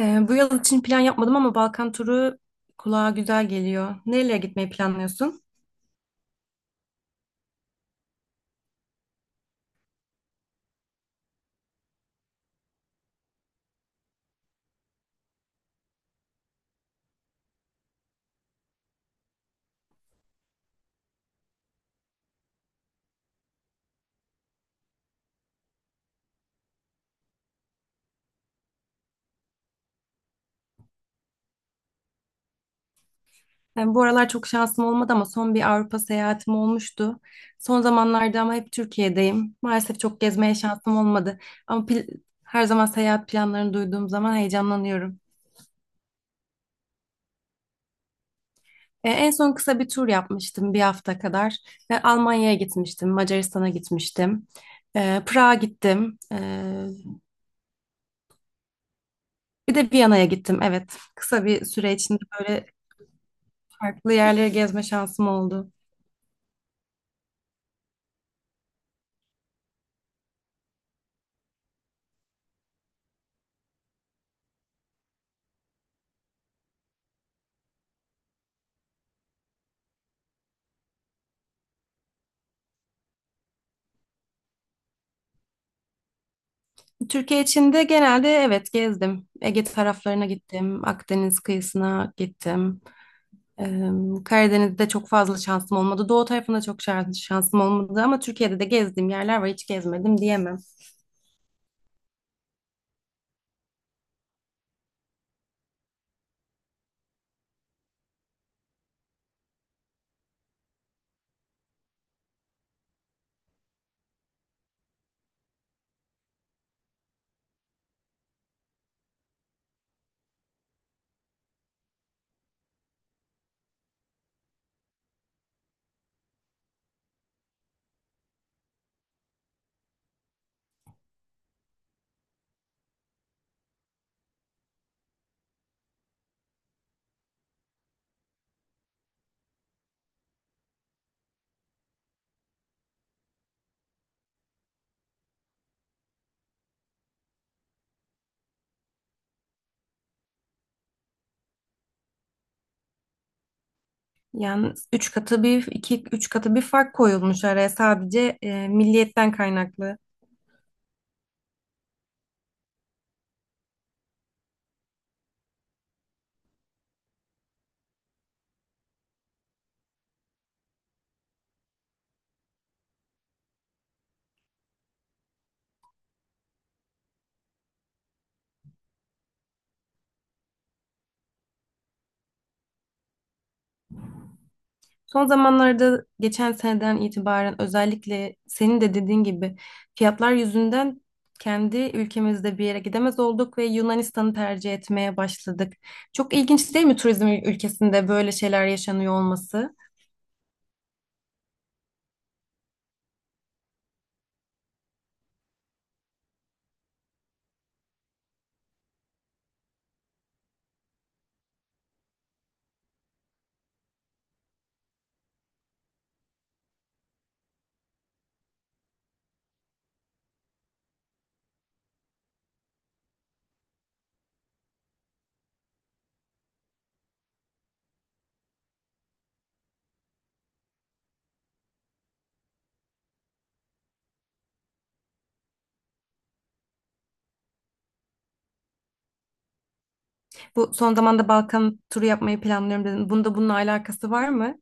Bu yıl için plan yapmadım ama Balkan turu kulağa güzel geliyor. Nereye gitmeyi planlıyorsun? Yani bu aralar çok şansım olmadı ama son bir Avrupa seyahatim olmuştu. Son zamanlarda ama hep Türkiye'deyim. Maalesef çok gezmeye şansım olmadı. Ama her zaman seyahat planlarını duyduğum zaman heyecanlanıyorum. En son kısa bir tur yapmıştım bir hafta kadar. Almanya'ya gitmiştim, Macaristan'a gitmiştim, Prag'a gittim, bir de Viyana'ya gittim. Evet, kısa bir süre içinde böyle farklı yerleri gezme şansım oldu. Türkiye içinde genelde evet gezdim. Ege taraflarına gittim, Akdeniz kıyısına gittim. Ee, Karadeniz'de çok fazla şansım olmadı. Doğu tarafında çok şansım olmadı ama Türkiye'de de gezdiğim yerler var, hiç gezmedim diyemem. Yani üç katı bir iki üç katı bir fark koyulmuş araya, sadece milliyetten kaynaklı. Son zamanlarda geçen seneden itibaren özellikle senin de dediğin gibi fiyatlar yüzünden kendi ülkemizde bir yere gidemez olduk ve Yunanistan'ı tercih etmeye başladık. Çok ilginç değil mi turizm ülkesinde böyle şeyler yaşanıyor olması? Bu son zamanda Balkan turu yapmayı planlıyorum dedin. Bunda bununla alakası var mı?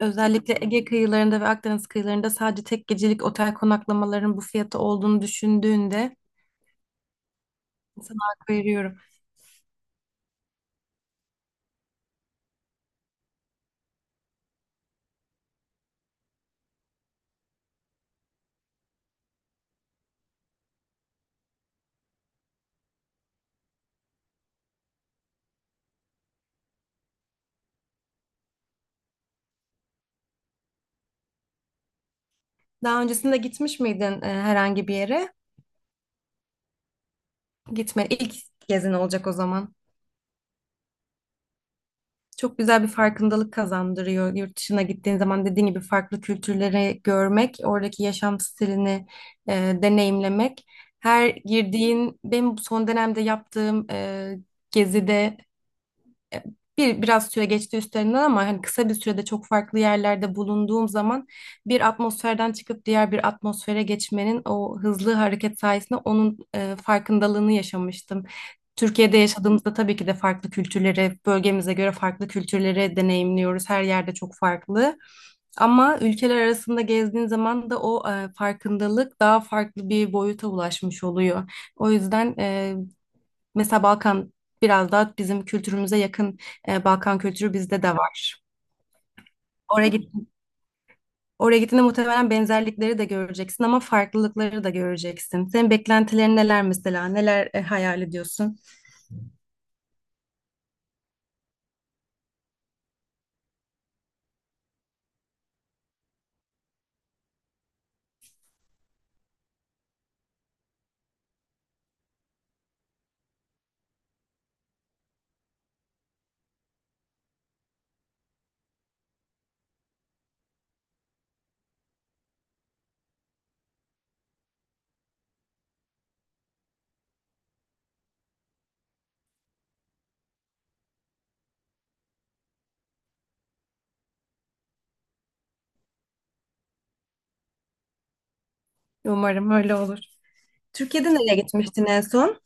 Özellikle Ege kıyılarında ve Akdeniz kıyılarında sadece tek gecelik otel konaklamaların bu fiyatı olduğunu düşündüğünde sana hak veriyorum. Daha öncesinde gitmiş miydin herhangi bir yere? Gitme. İlk gezin olacak o zaman. Çok güzel bir farkındalık kazandırıyor. Yurt dışına gittiğin zaman dediğin gibi farklı kültürleri görmek, oradaki yaşam stilini e, deneyimlemek. Her girdiğin, benim son dönemde yaptığım gezide, e, bir biraz süre geçti üstlerinden ama hani kısa bir sürede çok farklı yerlerde bulunduğum zaman bir atmosferden çıkıp diğer bir atmosfere geçmenin o hızlı hareket sayesinde onun farkındalığını yaşamıştım. Türkiye'de yaşadığımızda tabii ki de farklı kültürleri, bölgemize göre farklı kültürleri deneyimliyoruz. Her yerde çok farklı. Ama ülkeler arasında gezdiğin zaman da o farkındalık daha farklı bir boyuta ulaşmış oluyor. O yüzden mesela Balkan biraz daha bizim kültürümüze yakın, Balkan kültürü bizde de var. Oraya git Oraya gittiğinde muhtemelen benzerlikleri de göreceksin ama farklılıkları da göreceksin. Senin beklentilerin neler mesela? Neler hayal ediyorsun? Umarım öyle olur. Türkiye'de nereye gitmiştin en son?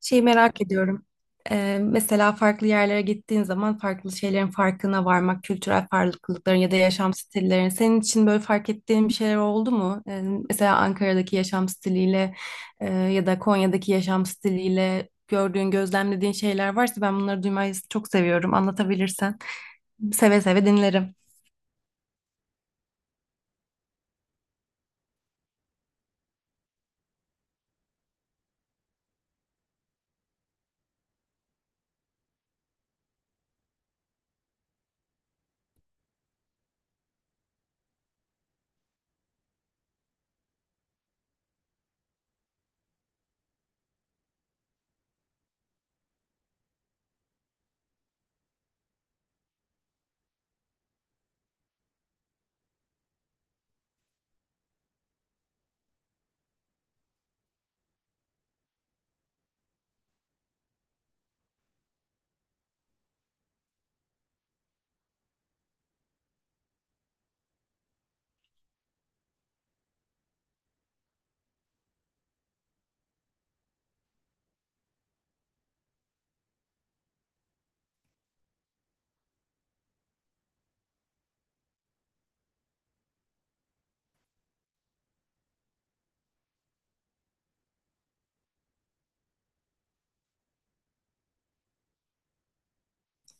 Şeyi merak ediyorum. Mesela farklı yerlere gittiğin zaman farklı şeylerin farkına varmak, kültürel farklılıkların ya da yaşam stillerin. Senin için böyle fark ettiğin bir şeyler oldu mu? Mesela Ankara'daki yaşam stiliyle ya da Konya'daki yaşam stiliyle gördüğün, gözlemlediğin şeyler varsa ben bunları duymayı çok seviyorum. Anlatabilirsen seve seve dinlerim.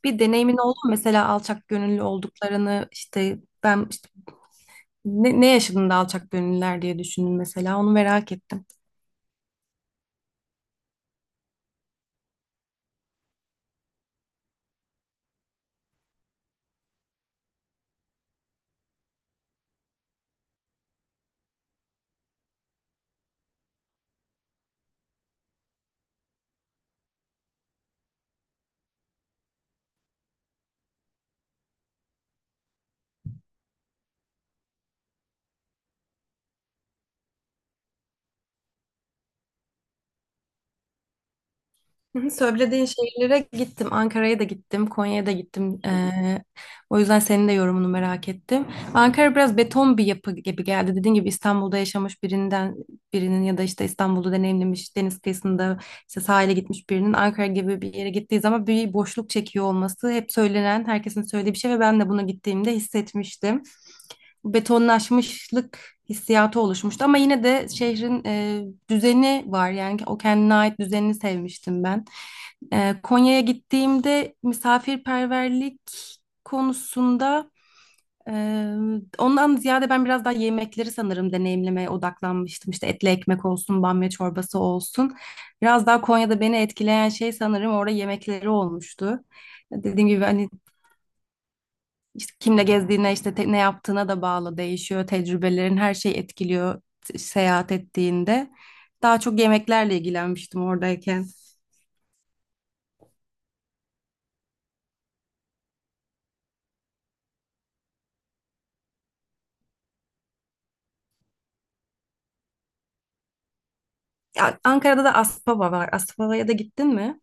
Bir deneyimin oldu mu? Mesela alçak gönüllü olduklarını, işte, ben işte ne yaşadın da alçak gönüllüler diye düşündüm, mesela onu merak ettim. Hı hı, söylediğin şehirlere gittim. Ankara'ya da gittim. Konya'ya da gittim. O yüzden senin de yorumunu merak ettim. Ankara biraz beton bir yapı gibi geldi. Dediğin gibi İstanbul'da yaşamış birinin ya da işte İstanbul'u deneyimlemiş, deniz kıyısında işte sahile gitmiş birinin Ankara gibi bir yere gittiği zaman bir boşluk çekiyor olması hep söylenen, herkesin söylediği bir şey ve ben de buna gittiğimde hissetmiştim. Betonlaşmışlık hissiyatı oluşmuştu ama yine de şehrin düzeni var, yani o kendine ait düzenini sevmiştim ben. Konya'ya gittiğimde misafirperverlik konusunda, e, ondan ziyade ben biraz daha yemekleri sanırım deneyimlemeye odaklanmıştım. İşte etli ekmek olsun, bamya çorbası olsun. Biraz daha Konya'da beni etkileyen şey sanırım orada yemekleri olmuştu. Dediğim gibi hani işte kimle gezdiğine, işte ne yaptığına da bağlı değişiyor. Tecrübelerin, her şey etkiliyor seyahat ettiğinde. Daha çok yemeklerle ilgilenmiştim oradayken. Ya, Ankara'da da Aspava var. Aspava'ya da gittin mi?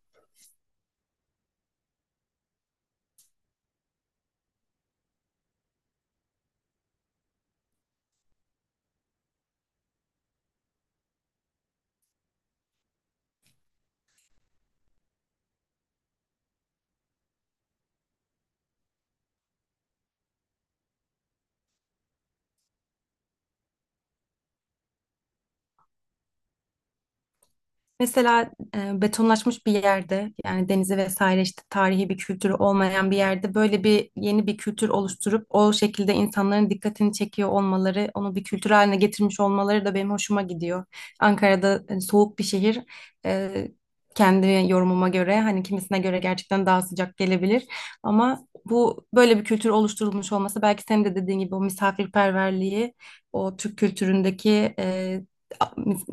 Mesela betonlaşmış bir yerde, yani denizi vesaire işte tarihi bir kültürü olmayan bir yerde böyle bir yeni bir kültür oluşturup o şekilde insanların dikkatini çekiyor olmaları, onu bir kültür haline getirmiş olmaları da benim hoşuma gidiyor. Ankara'da soğuk bir şehir, e, kendi yorumuma göre hani kimisine göre gerçekten daha sıcak gelebilir ama bu böyle bir kültür oluşturulmuş olması belki senin de dediğin gibi o misafirperverliği, o Türk kültüründeki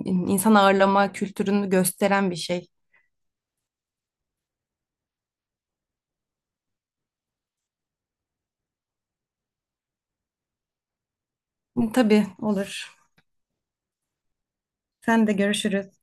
insan ağırlama kültürünü gösteren bir şey. Tabii, olur. Sen de görüşürüz.